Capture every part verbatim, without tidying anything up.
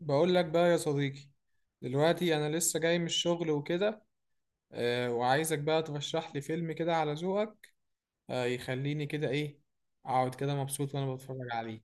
بقول لك بقى يا صديقي. دلوقتي انا لسه جاي من الشغل وكده. آه وعايزك بقى ترشح لي فيلم كده على ذوقك، آه يخليني كده ايه، اقعد كده مبسوط وانا بتفرج عليه.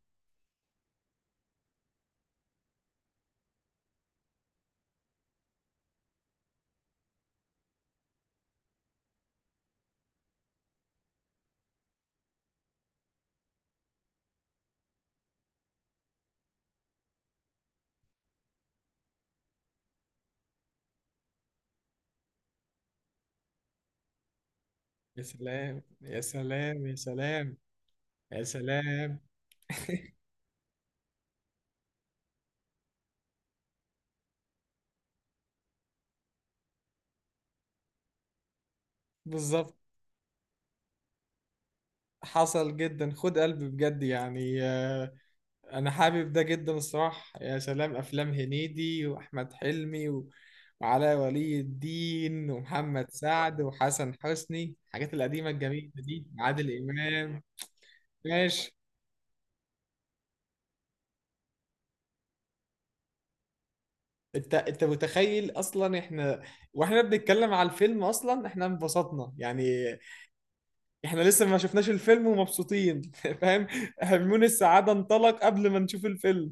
يا سلام يا سلام يا سلام، يا سلام. بالظبط. حصل جدا، خد قلب بجد يعني. آه انا حابب ده جدا الصراحه. يا سلام، افلام هنيدي واحمد حلمي و... وعلاء ولي الدين ومحمد سعد وحسن حسني، الحاجات القديمه الجميله دي، عادل امام. ماشي. انت انت متخيل اصلا احنا، واحنا بنتكلم على الفيلم اصلا احنا انبسطنا يعني. احنا لسه ما شفناش الفيلم ومبسوطين. فاهم؟ هرمون السعاده انطلق قبل ما نشوف الفيلم.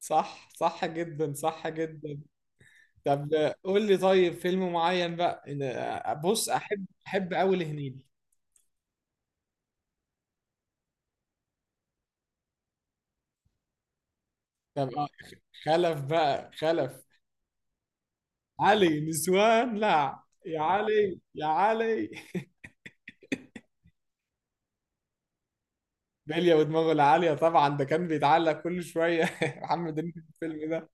صح، صح جدا، صح جدا. طب قول لي طيب فيلم معين بقى، إن- بص، احب احب قوي لهنيدي. طب آه، خلف بقى، خلف. علي نسوان، لا. يا علي يا علي بلية ودماغه العالية طبعا، ده كان بيتعلق كل شوية محمد هنيدي في الفيلم ده.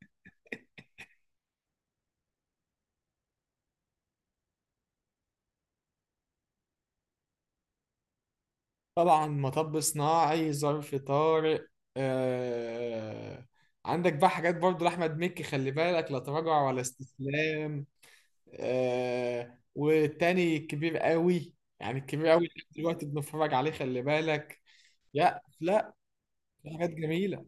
طبعا مطب صناعي، ظرف طارق. آه... عندك بقى حاجات برضو لأحمد مكي، خلي بالك، لا تراجع ولا استسلام. آه والتاني كبير قوي، يعني الكبير قوي لحد دلوقتي بنتفرج عليه، خلي بالك. لا لا، في حاجات جميلة.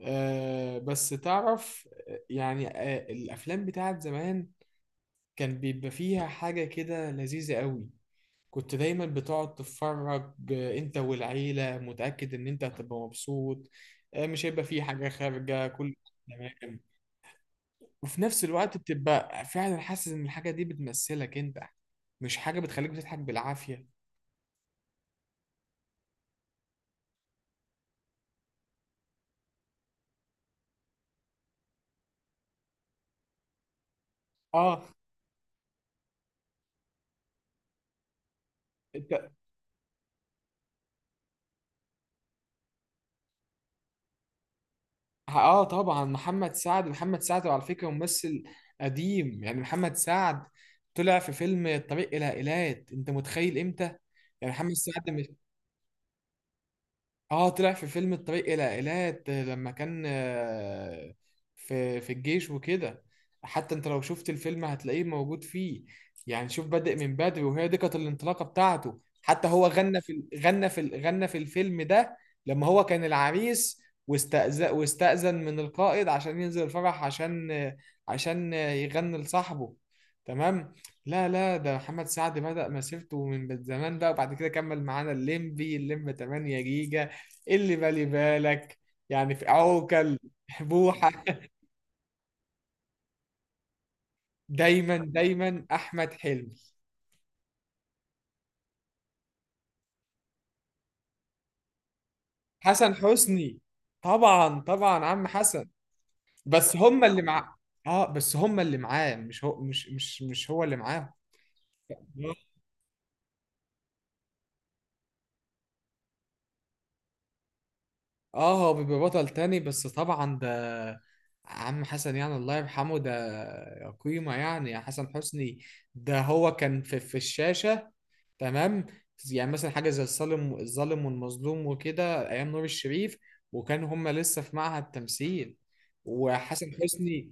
آه بس تعرف آه، يعني آه الأفلام بتاعت زمان كان بيبقى فيها حاجة كده لذيذة قوي. كنت دايما بتقعد تتفرج آه، انت والعيلة، متأكد ان انت هتبقى مبسوط، آه مش هيبقى فيه حاجة خارجة كل. تمام، وفي نفس الوقت بتبقى فعلا حاسس ان الحاجه دي بتمثلك انت، مش حاجه بتخليك بتضحك بالعافيه. اه. انت. اه طبعا، محمد سعد محمد سعد على فكره ممثل قديم يعني، محمد سعد طلع في فيلم الطريق الى ايلات، انت متخيل امتى؟ يعني محمد سعد. اه طلع في فيلم الطريق الى ايلات لما كان آه، في في الجيش وكده. حتى انت لو شفت الفيلم هتلاقيه موجود فيه. يعني شوف بادئ من بدري، وهي دي كانت الانطلاقه بتاعته، حتى هو غنى في ال- غنى في ال- غنى في الفيلم ده، لما هو كان العريس واستأذن واستأذن من القائد عشان ينزل الفرح، عشان آه، عشان آه، يغني لصاحبه. تمام. لا لا، ده محمد سعد بدأ مسيرته من زمان بقى، وبعد كده كمل معانا الليمبي، الليمبي تمانية جيجا، إيه اللي بالي بالك، يعني في عوكل، بوحة. دايما دايما أحمد حلمي. حسن حسني، طبعا طبعا عم حسن. بس هم اللي مع. اه بس هم اللي معاه، مش هو، مش مش مش هو اللي معاه. اه هو بيبقى بطل تاني بس طبعا، ده عم حسن يعني، الله يرحمه، ده قيمة يعني يا حسن حسني، ده هو كان في في الشاشة. تمام. يعني مثلا حاجه زي الظالم، الظالم والمظلوم وكده، ايام نور الشريف، وكان هما لسه في معهد تمثيل، وحسن حسني.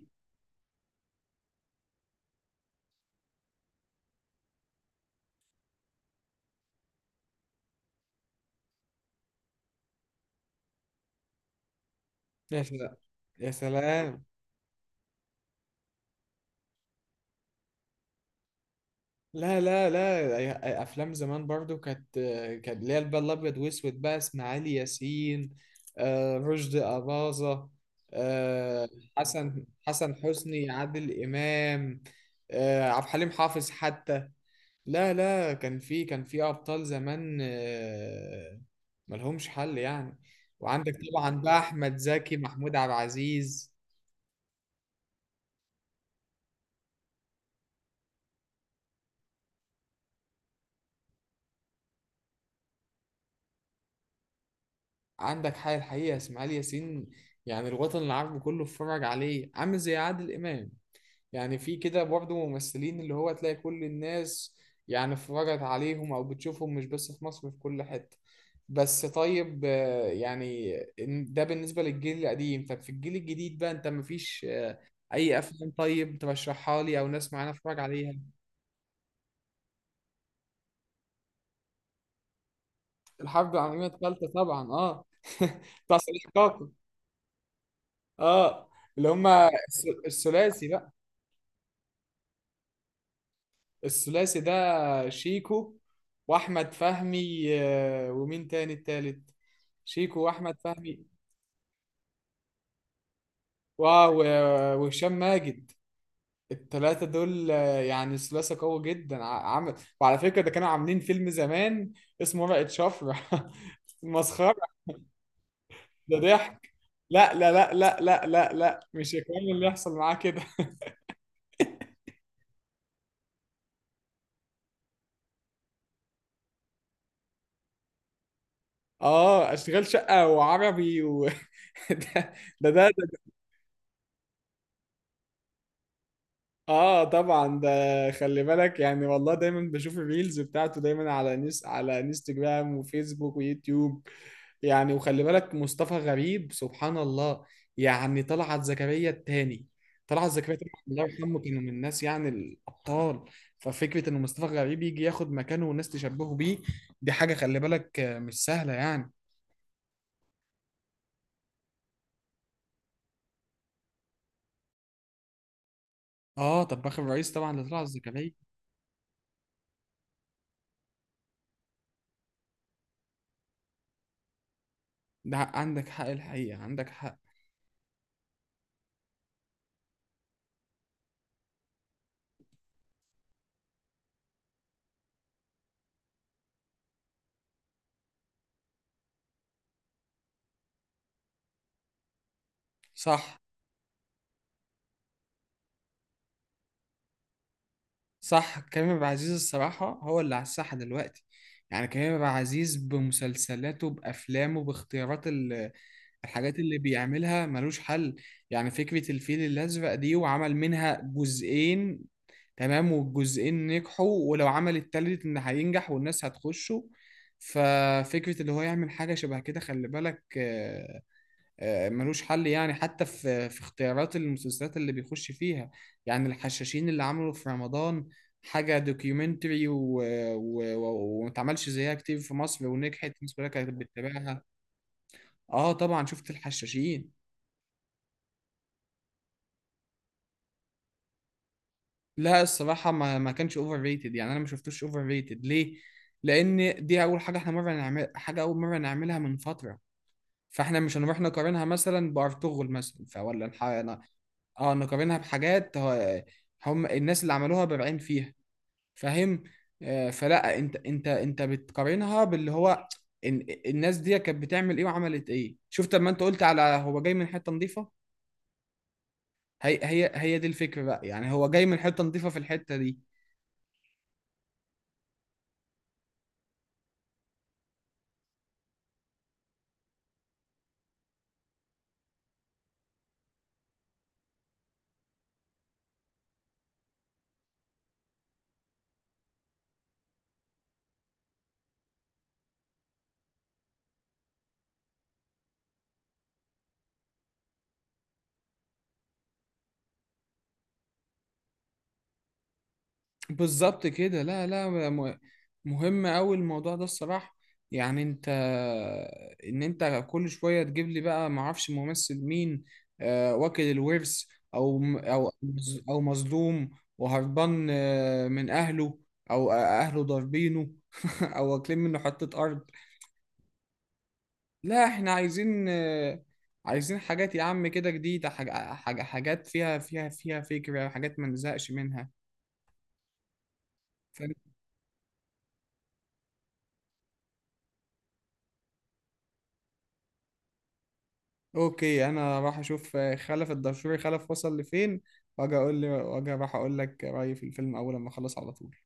يا سلام يا سلام. لا لا لا، افلام زمان برضو كانت، كانت اللي هي بقى الابيض واسود بقى، اسماعيل ياسين آه، رشدي اباظه، آه، حسن حسن حسني، عادل امام آه، عبد الحليم حافظ حتى. لا لا، كان في كان في ابطال زمان آه، ملهمش حل يعني. وعندك طبعا بقى احمد زكي، محمود عبد العزيز. عندك حي الحقيقه اسماعيل ياسين، يعني الوطن العربي كله اتفرج عليه، عامل زي عادل امام، يعني في كده برضه ممثلين اللي هو تلاقي كل الناس يعني اتفرجت عليهم او بتشوفهم مش بس في مصر، في كل حته. بس طيب آه، يعني إن- ده بالنسبه للجيل القديم، طب في الجيل الجديد بقى انت، مفيش اي افلام طيب ترشحها لي او ناس معانا اتفرج عليها؟ الحرب العالميه الثالثه طبعا، اه بتاع صديق كاكو. اه، اللي هما الس- الثلاثي بقى. الثلاثي ده شيكو واحمد فهمي آه، ومين تاني، التالت؟ شيكو واحمد فهمي، واو آه، وهشام ماجد. التلاتة دول آه، يعني ثلاثة قوي جدا، ع- عمل. وعلى فكرة ده كانوا عاملين فيلم زمان اسمه ورقة شفرة مسخرة. ده ضحك. لا لا لا لا لا لا لا، مش الكلام اللي يحصل معاه كده. اه اشتغال شقة وعربي و... ده ده ده اه طبعا ده، خلي بالك يعني، والله دايما بشوف الريلز بتاعته دايما على نس على انستجرام وفيسبوك ويوتيوب يعني، وخلي بالك مصطفى غريب سبحان الله، يعني طلعت زكريا التاني. طلعت زكريا التاني الله يرحمه، كانوا من الناس يعني الابطال. ففكره ان مصطفى غريب يجي ياخد مكانه والناس تشبهه بيه، دي حاجه خلي بالك آه، مش سهله يعني. اه طب اخر رئيس طبعا لطلعت زكريا. ده عندك حق الحقيقه، عندك حق. صح، صح. كريم عبد العزيز الصراحة هو اللي على الساحة دلوقتي، يعني كريم عبد العزيز بمسلسلاته بأفلامه باختيارات ال- الحاجات اللي بيعملها ملوش حل يعني. فكرة الفيل الأزرق دي وعمل منها جزئين، تمام، والجزئين نجحوا، ولو عمل التالت إن هينجح والناس هتخشه. ففكرة اللي هو يعمل حاجة شبه كده خلي بالك آه، آه، ملوش حل يعني. حتى في في اختيارات المسلسلات اللي بيخش فيها، يعني الحشاشين اللي عملوا في رمضان، حاجة دوكيومنتري و- و- و- وما اتعملش زيها كتير في مصر، ونجحت، الناس كلها كانت بتتابعها. اه طبعا شفت الحشاشين. لا الصراحة ما ما كانش اوفر ريتد يعني، انا ما شفتوش اوفر ريتد، ليه؟ لان دي اول حاجة احنا مرة نعمل حاجة، اول مرة نعملها من فترة، فاحنا مش هنروح نقارنها مثلا بارطغرل مثلا، فولا. اه نقارنها بحاجات هو- هم الناس اللي عملوها بارعين فيها، فاهم؟ آه، فلا انت انت انت بتقارنها باللي هو إن الناس دي كانت بتعمل ايه وعملت ايه. شفت لما انت قلت على هو جاي من حته نظيفه؟ هي هي هي دي الفكره بقى يعني، هو جاي من حته نظيفه في الحته دي. بالظبط كده. لا لا، م- مهم أوي الموضوع ده الصراحة. يعني انت، ان انت كل شوية تجيب لي بقى معرفش ممثل مين، آه، واكل الورث، او م- او او مظلوم وهربان آه، من اهله، او اهله ضاربينه او واكلين منه حتة ارض. لا احنا عايزين آه، عايزين حاجات يا عم كده جديدة، حاج- حاج- حاجات فيها فيها فيها فكرة، حاجات ما نزهقش منها. اوكي، انا راح اشوف آه، خلف الدشوري، خلف وصل لفين، واجي اقول لي واجي راح اقول لك رايي في الفيلم اول لما اخلص على طول.